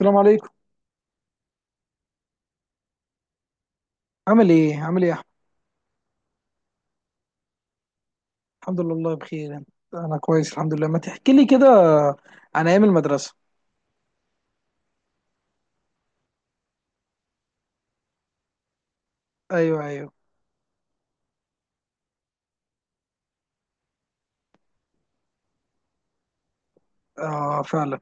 السلام عليكم. عامل ايه، عامل ايه يا احمد؟ الحمد لله والله بخير، انت؟ انا كويس الحمد لله. ما تحكي لي كده عن ايام المدرسه. ايوه، ايوه. اه، فعلا.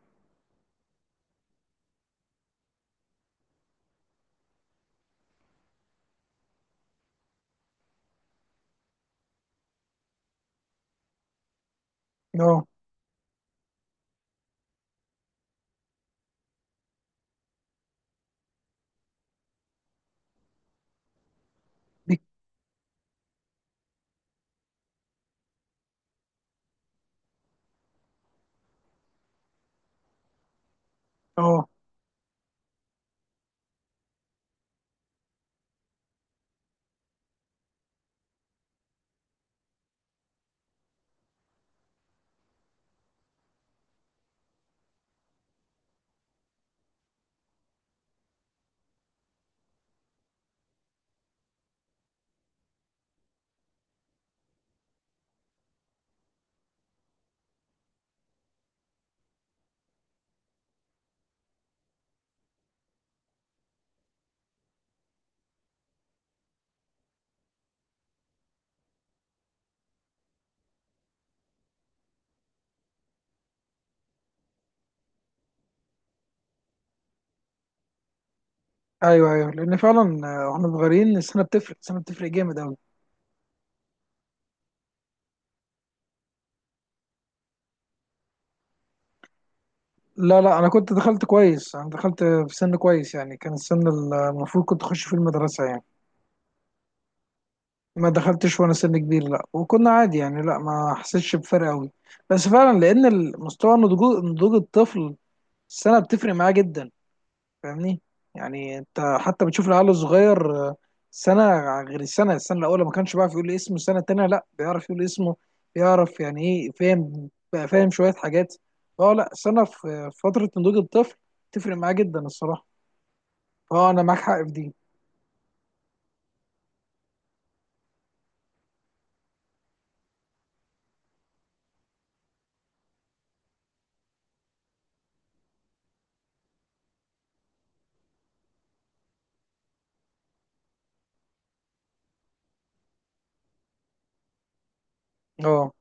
اه. دي. اه. ايوه، ايوه، لان فعلا واحنا صغيرين السنه بتفرق، السنه بتفرق جامد قوي. لا، لا، انا كنت دخلت كويس، انا دخلت في سن كويس يعني كان السن المفروض كنت اخش فيه المدرسه يعني. ما دخلتش وانا سن كبير، لا، وكنا عادي يعني، لا، ما حسيتش بفرق قوي. بس فعلا لان المستوى نضوج الطفل، السنه بتفرق معاه جدا، فاهمني؟ يعني انت حتى بتشوف العيال الصغير سنه غير السنه الاولى ما كانش بيعرف يقول اسمه، السنه التانيه لا بيعرف يقول اسمه، بيعرف يعني ايه، فاهم بقى، فاهم شويه حاجات. اه لا، سنه في فتره نضوج الطفل تفرق معاه جدا الصراحه. اه انا معاك حق في دي. اه،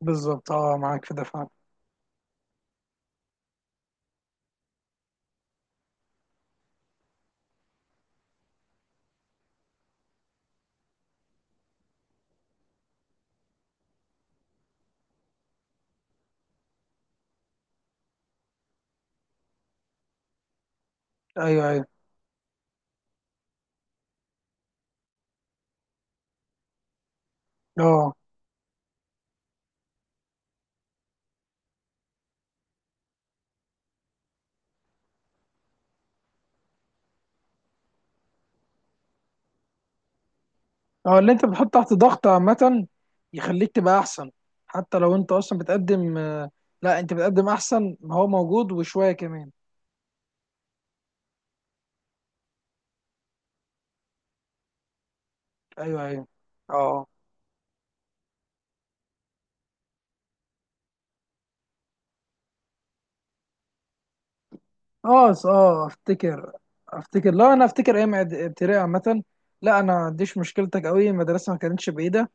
بالظبط. اه معاك في ده فعلا. ايوه، ايوه، اه. اه، اللي انت بتحط تحت ضغط عامه يخليك تبقى احسن. حتى لو انت اصلا بتقدم، لا، انت بتقدم احسن ما هو موجود وشويه كمان. ايوه، ايوه، اه. افتكر، افتكر. لا، انا افتكر ايام ابتدائي عامه، لا انا ما عنديش مشكلتك قوي، المدرسه ما كانتش بعيده،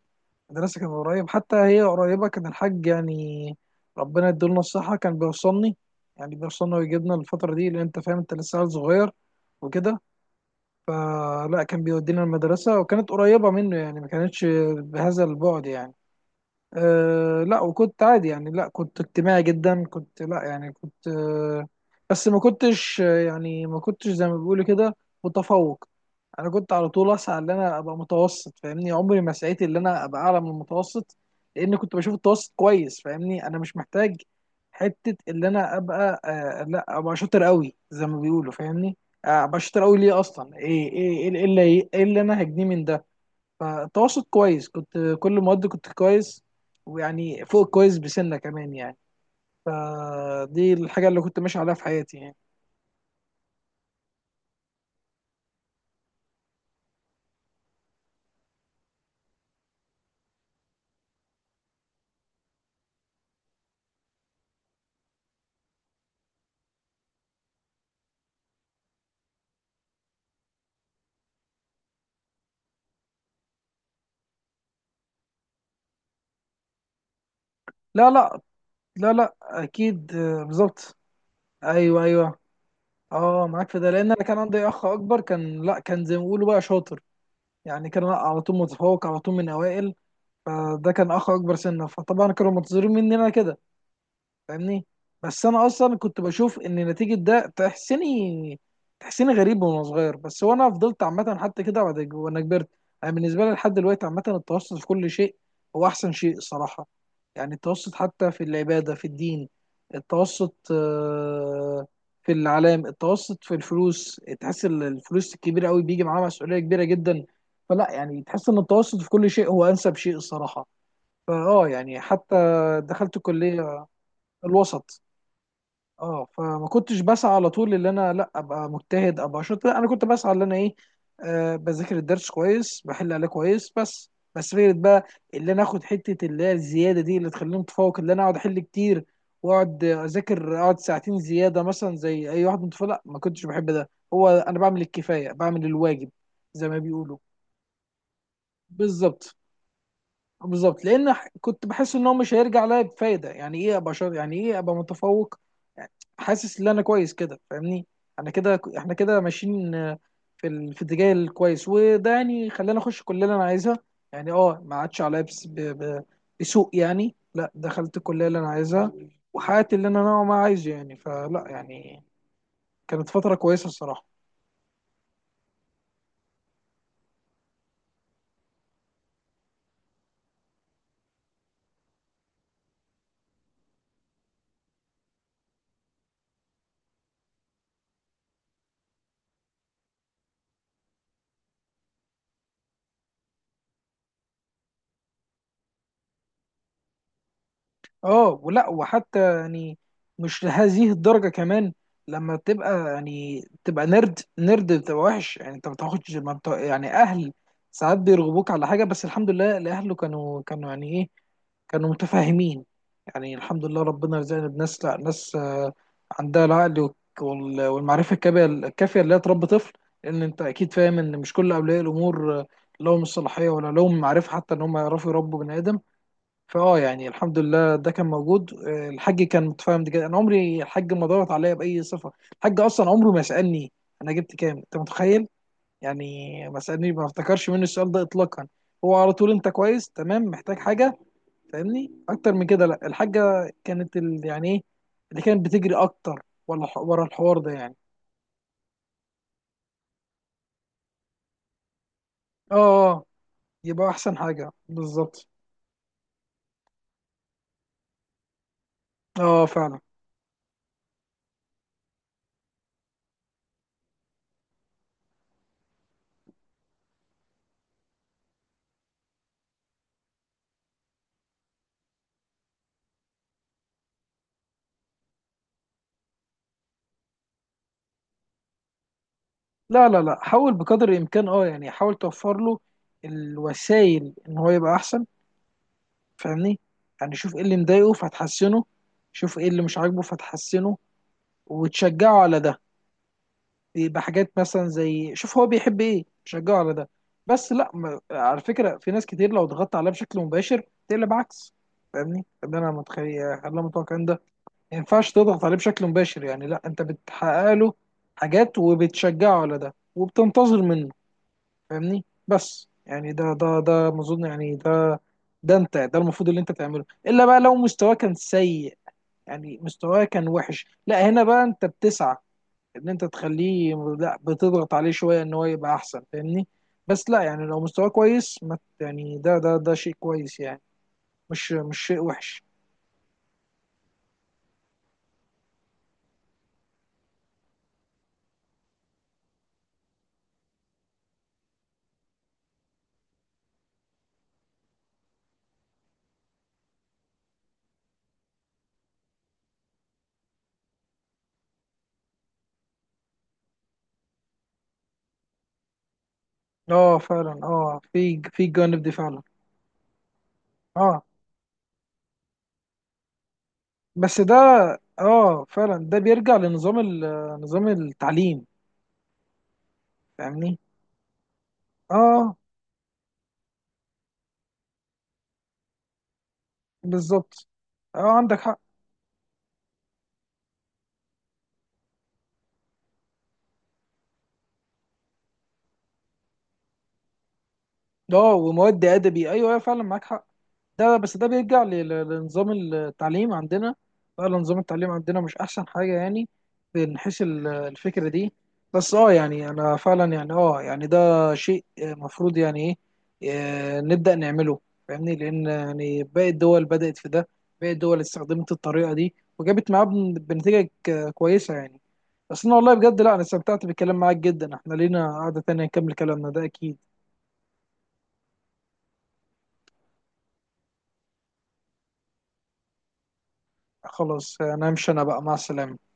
المدرسه كانت قريب، حتى هي قريبه. كان الحاج، يعني ربنا يديله الصحه، كان بيوصلني، يعني بيوصلنا ويجيبنا الفتره دي، لان انت فاهم انت لسه عيل صغير وكده، فلا كان بيودينا المدرسه وكانت قريبه منه، يعني ما كانتش بهذا البعد يعني. أه لا، وكنت عادي يعني، لا كنت اجتماعي جدا، كنت، لا يعني كنت بس ما كنتش يعني ما كنتش زي ما بيقولوا كده متفوق. انا كنت على طول اسعى ان انا ابقى متوسط، فاهمني؟ عمري ما سعيت ان انا ابقى اعلى من المتوسط لان كنت بشوف التوسط كويس. فاهمني؟ انا مش محتاج حته ان انا ابقى لا ابقى شاطر قوي زي ما بيقولوا، فاهمني؟ ابقى شاطر قوي ليه اصلا؟ ايه ايه ايه إيه اللي إيه اللي انا هجنيه من ده؟ فتواصل كويس كنت كل المواد كنت كويس، ويعني فوق الكويس بسنة كمان يعني، فدي الحاجة اللي كنت ماشي عليها في حياتي يعني. لا، لا، لا، لا، أكيد. بالظبط. أيوه، أيوه. أه معاك في ده، لأن أنا كان عندي أخ أكبر، كان، لا كان زي ما بيقولوا بقى شاطر، يعني كان على طول متفوق على طول، من أوائل، فده كان أخ أكبر سنة، فطبعا كانوا منتظرين مني أنا كده، فاهمني؟ بس انا اصلا كنت بشوف ان نتيجه ده تحسني، تحسني غريب وانا صغير، بس وانا فضلت عامه حتى كده، بعد وانا كبرت، انا بالنسبه لي لحد دلوقتي عامه التوسط في كل شيء هو احسن شيء الصراحه. يعني التوسط حتى في العباده، في الدين، التوسط في الاعلام، التوسط في الفلوس، تحس الفلوس الكبيره قوي بيجي معاها مسؤوليه كبيره جدا، فلا يعني تحس ان التوسط في كل شيء هو انسب شيء الصراحه. فاه يعني حتى دخلت كليه الوسط. اه، فما كنتش بسعى على طول ان انا لا ابقى مجتهد ابقى شاطر، لا انا كنت بسعى ان انا ايه، بذاكر الدرس كويس، بحل عليه كويس، بس فكره بقى، اللي انا اخد حته اللي هي الزياده دي اللي تخليني متفوق، اللي انا اقعد احل كتير واقعد اذاكر، اقعد ساعتين زياده مثلا زي اي واحد متفوق، لا ما كنتش بحب ده، هو انا بعمل الكفايه، بعمل الواجب زي ما بيقولوا. بالظبط، بالظبط، لان كنت بحس ان هو مش هيرجع ليا بفايده، يعني ايه ابقى شاطر، يعني ايه ابقى متفوق، حاسس ان انا كويس كده. فاهمني؟ انا كده، احنا كده ماشيين في اتجاه الكويس، وده يعني خلاني اخش الكليه اللي انا عايزها، يعني اه ما عادش عليا بس بسوء يعني، لا دخلت الكليه اللي انا عايزها وحققت اللي انا نوعا ما عايزه يعني، فلا يعني كانت فتره كويسه الصراحه. اه ولا وحتى يعني مش لهذه الدرجة كمان، لما تبقى يعني تبقى نرد بتبقى وحش، يعني انت ما بتاخدش، ما بت- يعني اهل ساعات بيرغبوك على حاجة، بس الحمد لله اللي اهله كانوا يعني ايه، كانوا متفاهمين. يعني الحمد لله ربنا رزقنا بناس، لا ناس عندها العقل والمعرفة الكافية اللي هي تربي طفل، لأن أنت أكيد فاهم إن مش كل أولياء الأمور لهم الصلاحية ولا لهم المعرفة حتى إن هم يعرفوا يربوا بني آدم. فاه يعني الحمد لله ده كان موجود. الحاج كان متفاهم جدا، انا عمري الحاج ما ضغط عليا باي صفه، الحاج اصلا عمره ما سالني انا جبت كام، انت متخيل يعني؟ ما سالني، ما افتكرش منه السؤال ده اطلاقا، هو على طول انت كويس؟ تمام، محتاج حاجه؟ فاهمني؟ اكتر من كده لا. الحاجه كانت يعني ايه اللي كانت بتجري اكتر ولا ورا الحوار ده يعني. اه، آه، يبقى احسن حاجه بالظبط. اه، فعلا. لا، لا، لا، حاول بقدر الامكان، اه يعني حاول توفر له الوسائل ان هو يبقى احسن. فاهمني؟ يعني شوف ايه اللي مضايقه فتحسنه، شوف ايه اللي مش عاجبه فتحسنه وتشجعه على ده، يبقى حاجات مثلا زي شوف هو بيحب ايه تشجعه على ده، بس لا، ما... على فكرة في ناس كتير لو ضغطت عليها بشكل مباشر تقلب عكس. فاهمني؟ ده انا متخيل اللي انا متوقع ان ده ما ينفعش تضغط عليه بشكل مباشر، يعني لا انت بتحقق له حاجات وبتشجعه على ده وبتنتظر منه. فاهمني؟ بس يعني ده ما اظن يعني، ده، ده انت ده المفروض اللي انت تعمله، الا بقى لو مستواه كان سيء، يعني مستواه كان وحش، لا هنا بقى انت بتسعى ان انت تخليه، لا بتضغط عليه شويه ان هو يبقى احسن. فاهمني؟ بس لا يعني لو مستواه كويس ما ت- يعني ده شيء كويس يعني، مش شيء وحش. اه فعلا، اه في الجانب دي فعلا. اه بس ده، اه فعلا ده بيرجع نظام التعليم. فاهمني؟ اه بالظبط، اه عندك حق. اه ومواد ادبي، ايوه، ايوه فعلا، معاك حق. ده بس ده بيرجع لنظام التعليم عندنا، فعلا نظام التعليم عندنا مش احسن حاجه يعني، من حيث الفكره دي. بس اه يعني انا فعلا يعني، اه يعني ده شيء مفروض يعني ايه نبدا نعمله، فاهمني؟ لان يعني باقي الدول بدات في ده، باقي الدول استخدمت الطريقه دي وجابت معاها بنتيجه كويسه يعني. بس انا والله بجد، لا انا استمتعت بالكلام معاك جدا، احنا لينا قعده تانية نكمل كلامنا ده اكيد. خلاص انا امشي انا بقى، مع السلامة.